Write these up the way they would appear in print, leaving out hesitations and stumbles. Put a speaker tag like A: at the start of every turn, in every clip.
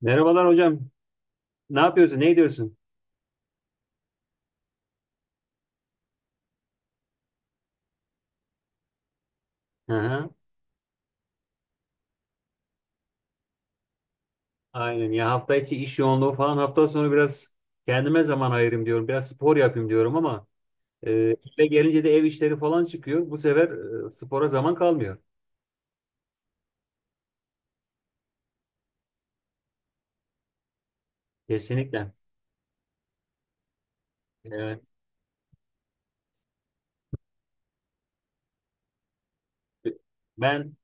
A: Merhabalar hocam. Ne yapıyorsun? Ne ediyorsun? Hı hı. Aynen ya, hafta içi iş yoğunluğu falan, hafta sonu biraz kendime zaman ayırayım diyorum. Biraz spor yapayım diyorum ama e, eve gelince de ev işleri falan çıkıyor. Bu sefer spora zaman kalmıyor. Kesinlikle. Evet. Ben,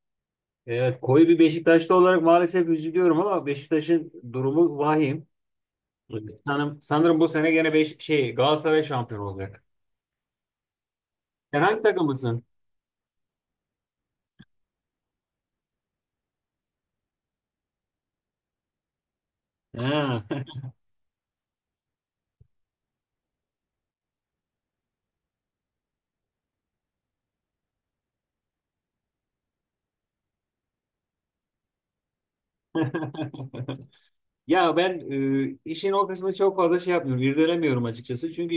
A: evet, koyu bir Beşiktaşlı olarak maalesef üzülüyorum ama Beşiktaş'ın durumu vahim. Sanırım bu sene gene beş, şey Galatasaray şampiyon olacak. Sen hangi takımlısın? Ha. Ya ben işin o kısmını çok fazla şey yapmıyorum, irdelemiyorum açıkçası. Çünkü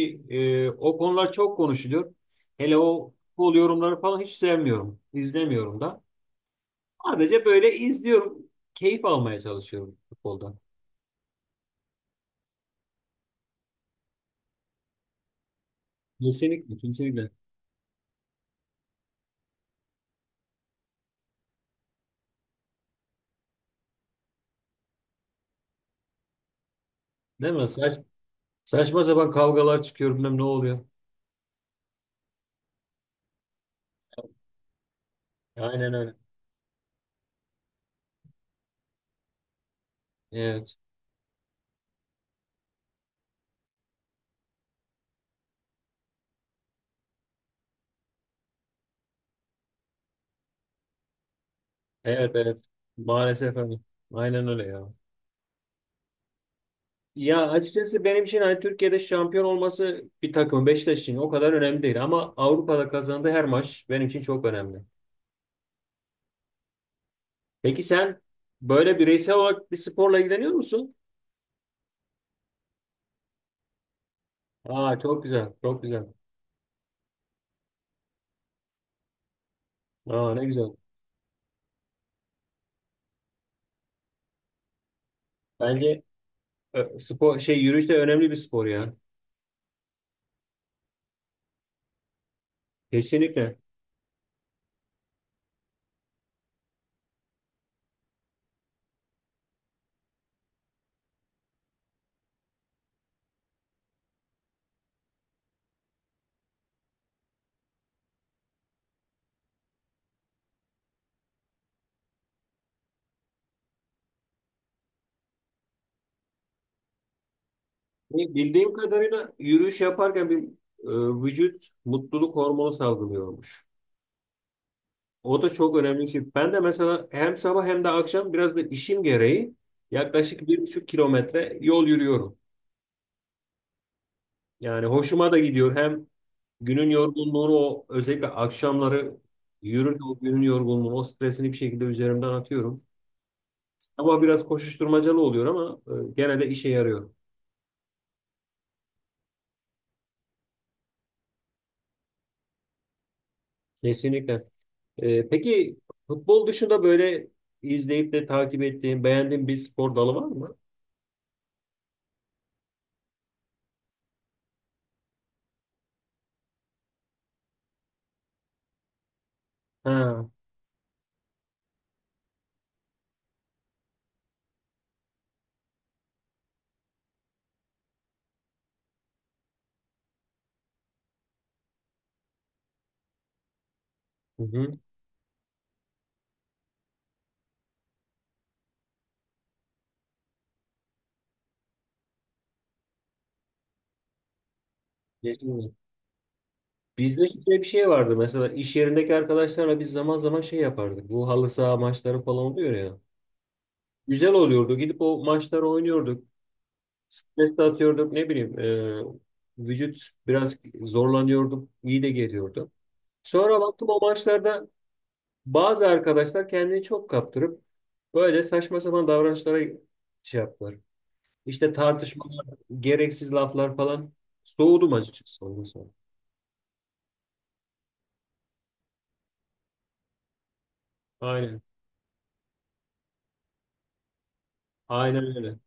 A: o konular çok konuşuluyor. Hele o futbol yorumları falan hiç sevmiyorum, izlemiyorum da. Sadece böyle izliyorum, keyif almaya çalışıyorum futboldan. Kesinlikle, kesinlikle. Değil mi? Saçma sapan kavgalar çıkıyor, bilmem ne oluyor. Aynen öyle. Evet, evet, evet. Maalesef öyle. Aynen öyle ya. Ya açıkçası benim için hani Türkiye'de şampiyon olması bir takım Beşiktaş için o kadar önemli değil ama Avrupa'da kazandığı her maç benim için çok önemli. Peki sen böyle bireysel olarak bir sporla ilgileniyor musun? Aa çok güzel, çok güzel. Aa ne güzel. Bence e, spor şey yürüyüş de önemli bir spor ya. Kesinlikle. Bildiğim kadarıyla yürüyüş yaparken vücut mutluluk hormonu salgılıyormuş. O da çok önemli bir şey. Ben de mesela hem sabah hem de akşam biraz da işim gereği yaklaşık 1,5 kilometre yol yürüyorum. Yani hoşuma da gidiyor. Hem günün yorgunluğunu o özellikle akşamları yürürken o günün yorgunluğunu, o stresini bir şekilde üzerimden atıyorum. Ama biraz koşuşturmacalı oluyor ama gene de işe yarıyor. Kesinlikle. Peki futbol dışında böyle izleyip de takip ettiğin, beğendiğin bir spor dalı var mı? Ha. Hı hı. Bizde şöyle bir şey vardı: mesela iş yerindeki arkadaşlarla biz zaman zaman şey yapardık. Bu halı saha maçları falan oluyor ya. Güzel oluyordu. Gidip o maçları oynuyorduk. Stres de atıyorduk, ne bileyim. Vücut biraz zorlanıyordu, iyi de geliyordu. Sonra baktım, o maçlarda bazı arkadaşlar kendini çok kaptırıp böyle saçma sapan davranışlara şey yaptılar. İşte tartışmalar, gereksiz laflar falan. Soğudum açıkçası ondan sonra. Aynen. Aynen öyle.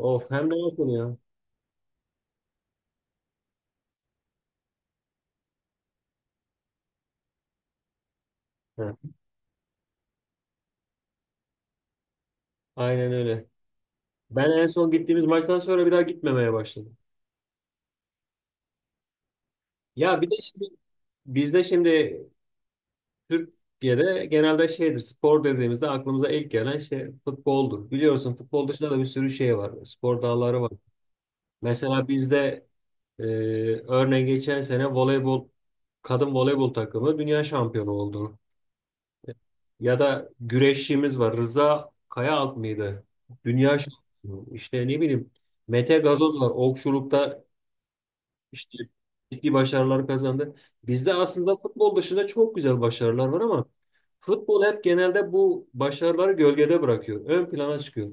A: Of, hem de yakın ya. He. Aynen öyle. Ben en son gittiğimiz maçtan sonra bir daha gitmemeye başladım. Ya bir de şimdi bizde, şimdi Türkiye'de, genelde şeydir, spor dediğimizde aklımıza ilk gelen şey futboldur. Biliyorsun, futbol dışında da bir sürü şey var, spor dalları var. Mesela bizde, e, örneğin geçen sene kadın voleybol takımı dünya şampiyonu oldu. Ya da güreşçimiz var, Rıza Kayaalp mıydı? Dünya şampiyonu. İşte ne bileyim, Mete Gazoz var, okçulukta İşte ciddi başarılar kazandı. Bizde aslında futbol dışında çok güzel başarılar var ama futbol hep genelde bu başarıları gölgede bırakıyor, ön plana çıkıyor.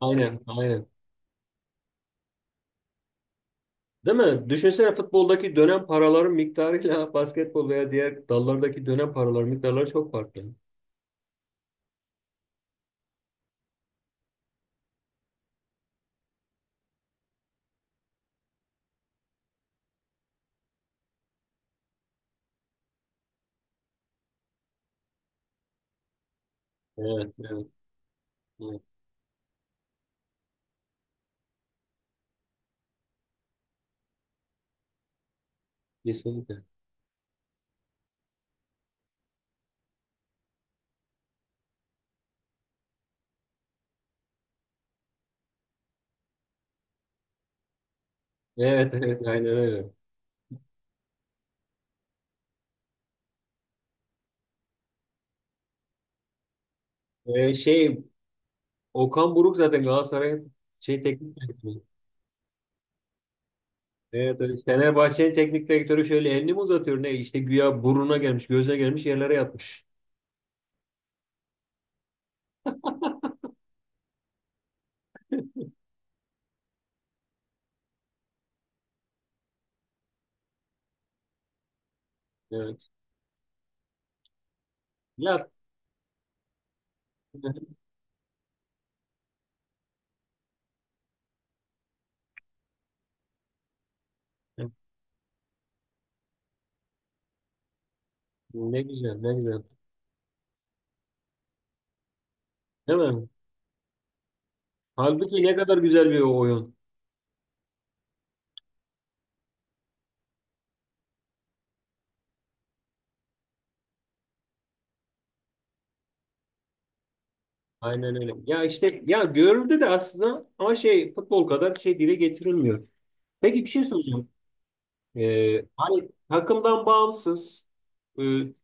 A: Aynen, aynen. Değil mi? Düşünsene, futboldaki dönem paraların miktarıyla basketbol veya diğer dallardaki dönem paraların miktarları çok farklı. Evet, evet, evet. Kesinlikle. Evet, evet, aynen öyle. Ee, şey, Okan Buruk zaten Galatasaray'ın teknik direktörü. Evet, evet. Fenerbahçe'nin teknik direktörü şöyle elini mi uzatıyor ne? İşte güya burnuna gelmiş, gözüne gelmiş, yerlere yatmış. Evet. Yat. Ne güzel, ne güzel. Değil mi? Halbuki ne kadar güzel bir oyun. Aynen öyle. Ya işte, ya görüldü de aslında ama futbol kadar dile getirilmiyor. Peki, bir şey soracağım. Hani takımdan bağımsız, e,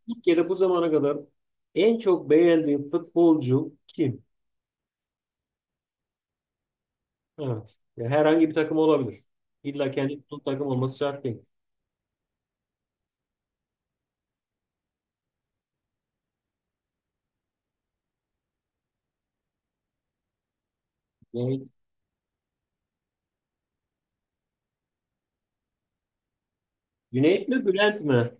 A: Türkiye'de bu zamana kadar en çok beğendiğin futbolcu kim? Evet. Ya, herhangi bir takım olabilir. İlla kendi tuttuğu takım olması şart değil. Güney, mi Bülent mi?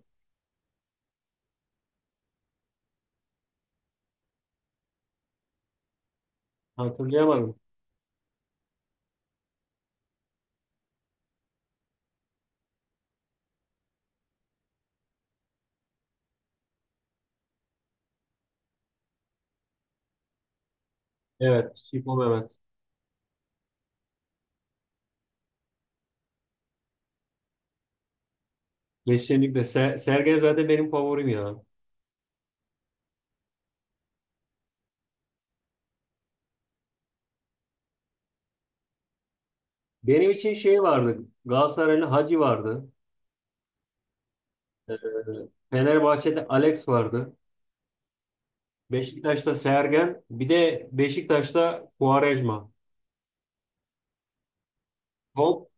A: Hatırlayamadım. Evet. Şipo Mehmet. Kesinlikle. Sergen zaten benim favorim ya. Benim için şey vardı. Galatasaraylı Hacı vardı. Ee, Fenerbahçe'de Alex vardı. Beşiktaş'ta Sergen. Bir de Beşiktaş'ta Quaresma. Top,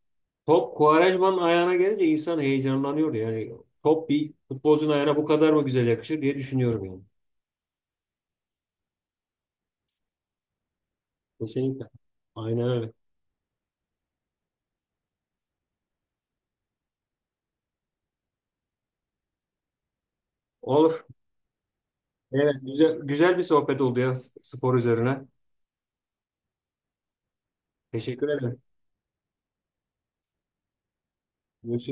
A: top Quaresma'nın ayağına gelince insan heyecanlanıyordu. Yani top bir futbolcunun ayağına bu kadar mı güzel yakışır diye düşünüyorum yani. Kesinlikle. Aynen öyle. Olur. Evet, güzel, güzel bir sohbet oldu ya, spor üzerine. Teşekkür ederim. Görüşürüz.